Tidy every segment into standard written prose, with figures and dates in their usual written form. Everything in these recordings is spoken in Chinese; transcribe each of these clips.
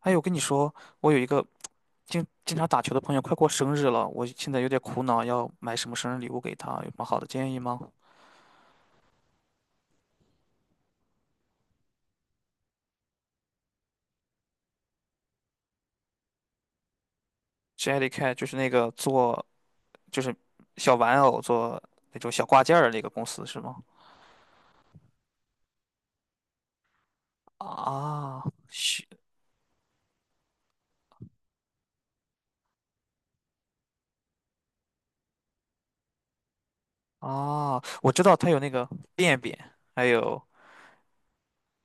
哎，我跟你说，我有一个经常打球的朋友，快过生日了，我现在有点苦恼，要买什么生日礼物给他？有什么好的建议吗？Jelly Cat 就是那个做就是小玩偶做那种小挂件儿的那个公司是吗？啊，是啊，我知道他有那个便便，还有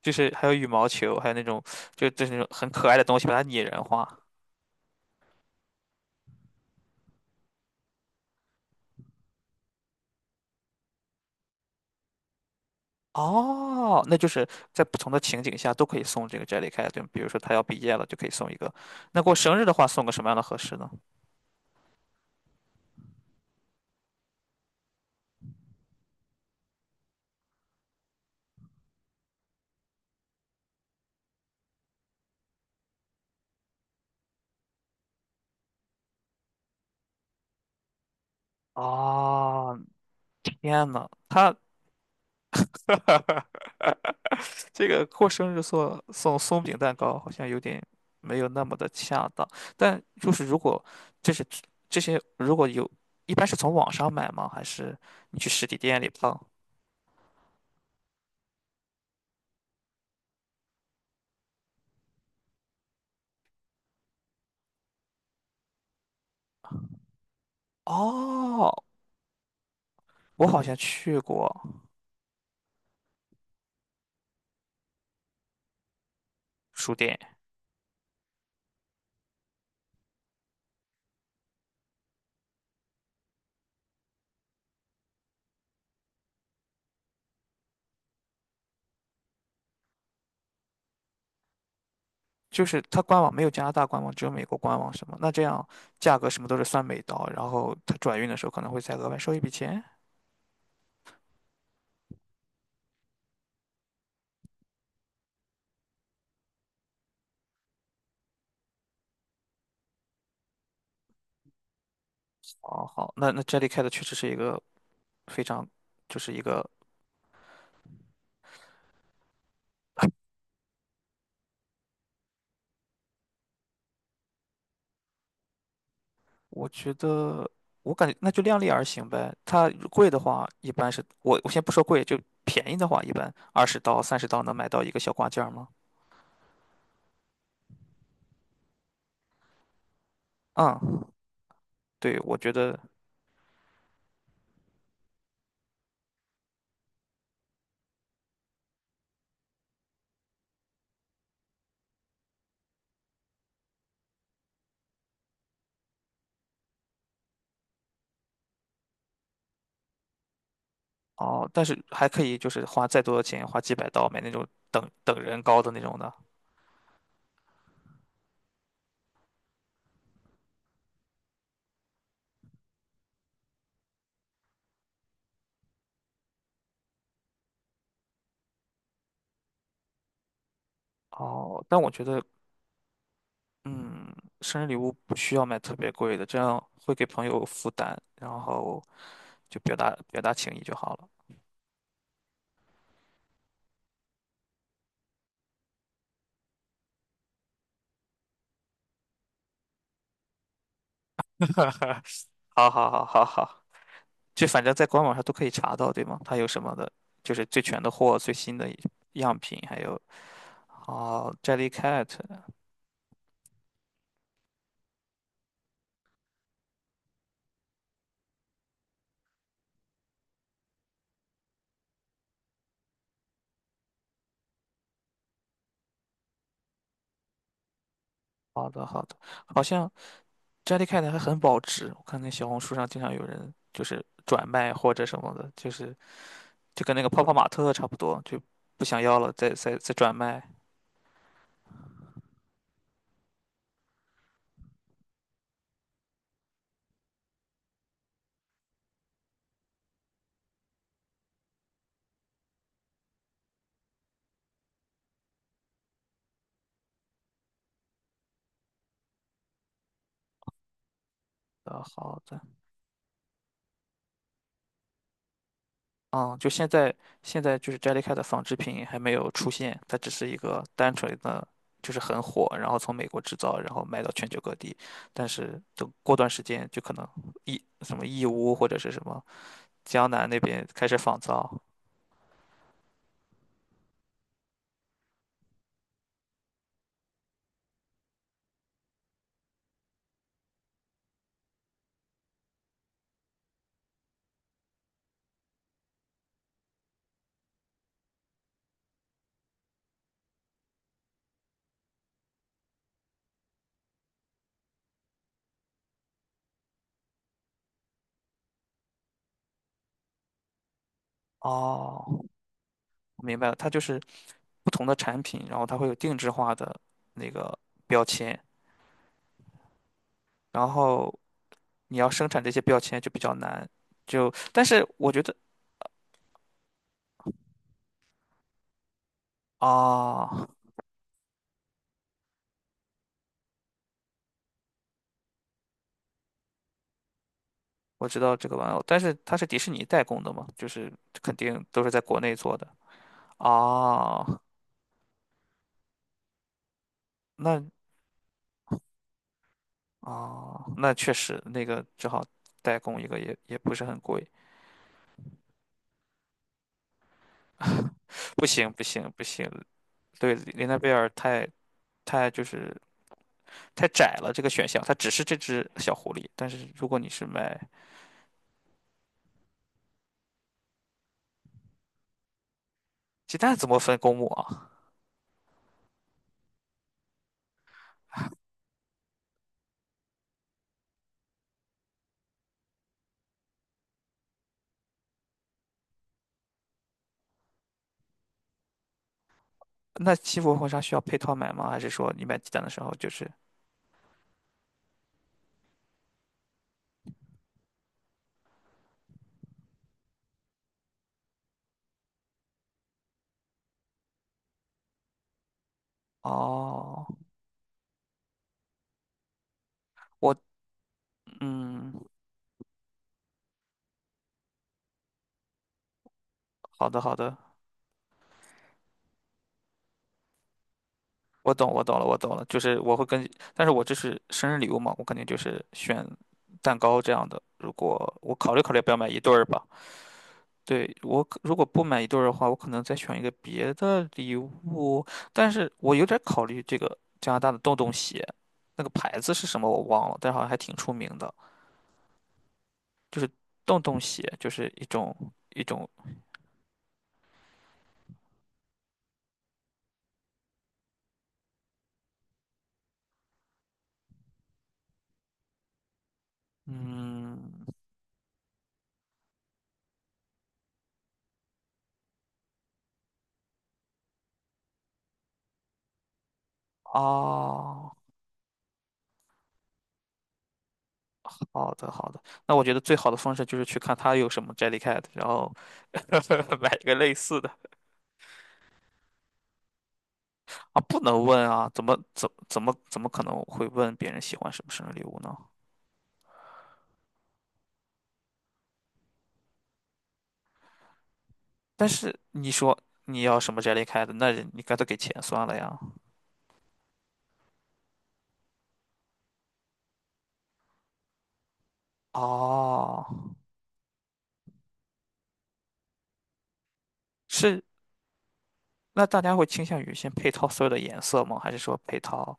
就是还有羽毛球，还有那种就是那种很可爱的东西，把它拟人化。哦，那就是在不同的情景下都可以送这个 Jellycat，对吗？比如说他要毕业了，就可以送一个。那过生日的话，送个什么样的合适呢？哦，天呐，他 这个过生日送送松饼蛋糕好像有点没有那么的恰当。但就是如果这是这些如果有，一般是从网上买吗？还是你去实体店里碰？哦，我好像去过书店。就是它官网没有加拿大官网，只有美国官网什么？那这样价格什么都是算美刀，然后它转运的时候可能会再额外收一笔钱。哦，好，那 Jellycat 确实是一个非常，就是一个，我觉得我感觉那就量力而行呗。它贵的话，一般是我先不说贵，就便宜的话，一般20刀30刀能买到一个小挂件儿吗？嗯，对，我觉得哦，但是还可以就是花再多的钱，花几百刀买那种等等人高的那种的。哦，但我觉得嗯，生日礼物不需要买特别贵的，这样会给朋友负担，然后就表达表达情谊就好了。好好好好好，就反正在官网上都可以查到，对吗？它有什么的，就是最全的货、最新的样品，还有哦，Jellycat。好的好的，好像 Jellycat 还很保值，我看那小红书上经常有人就是转卖或者什么的，就是就跟那个泡泡玛特差不多，就不想要了再转卖。好的。嗯，就现在就是 Jellycat 的纺织品还没有出现，它只是一个单纯的，就是很火，然后从美国制造，然后卖到全球各地。但是等过段时间，就可能义什么义乌或者是什么江南那边开始仿造。哦，我明白了，它就是不同的产品，然后它会有定制化的那个标签，然后你要生产这些标签就比较难。就但是我觉得啊。哦我知道这个玩偶，但是它是迪士尼代工的嘛，就是肯定都是在国内做的。啊，那那确实那个只好代工一个也不是很贵。不行不行不行，对，林奈贝尔太就是太窄了这个选项，它只是这只小狐狸。但是如果你是买鸡蛋，怎么分公母啊？那西服婚纱需要配套买吗？还是说你买鸡蛋的时候就是？哦，我嗯，好的好的。我懂，我懂了，我懂了，就是我会跟，但是我这是生日礼物嘛，我肯定就是选蛋糕这样的。如果我考虑考虑要不要买一对儿吧，对，我可如果不买一对儿的话，我可能再选一个别的礼物，但是我有点考虑这个加拿大的洞洞鞋，那个牌子是什么我忘了，但是好像还挺出名的，就是洞洞鞋，就是一种，嗯啊。好的，好的。那我觉得最好的方式就是去看他有什么 Jellycat，然后 买一个类似的啊，不能问啊，怎么可能会问别人喜欢什么生日礼物呢？但是你说你要什么 Jellycat，那人你干脆给钱算了呀。哦，是，那大家会倾向于先配套所有的颜色吗？还是说配套？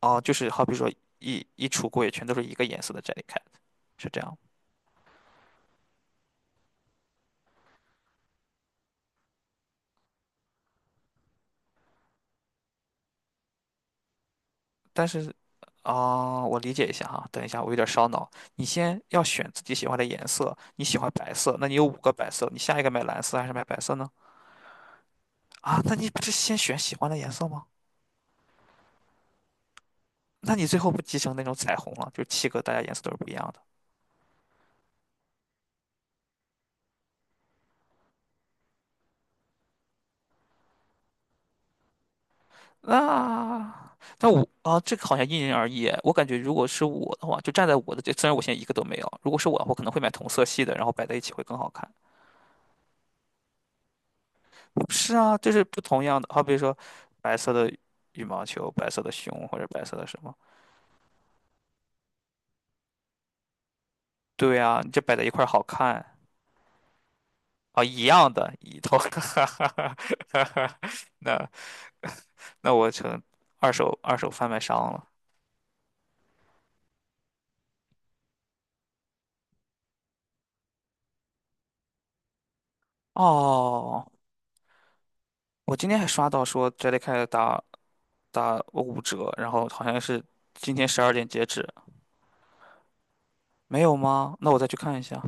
哦，就是好比说一橱柜全都是一个颜色的 Jellycat，是这样但是啊，我理解一下哈。等一下，我有点烧脑。你先要选自己喜欢的颜色，你喜欢白色，那你有五个白色，你下一个买蓝色还是买白色呢？啊，那你不是先选喜欢的颜色吗？那你最后不集成那种彩虹了？就七个，大家颜色都是不一样的。那那我啊，这个好像因人而异哎。我感觉如果是我的话，就站在我的这，虽然我现在一个都没有，如果是我，我可能会买同色系的，然后摆在一起会更好看。是啊，就是不同样的，好比如说白色的羽毛球、白色的熊或者白色的什么。对呀，你这摆在一块儿好看啊，一样的，一头，哈哈哈哈哈。那那我成二手贩卖商了。哦，我今天还刷到说 Jellycat 打5折，然后好像是今天12点截止，没有吗？那我再去看一下。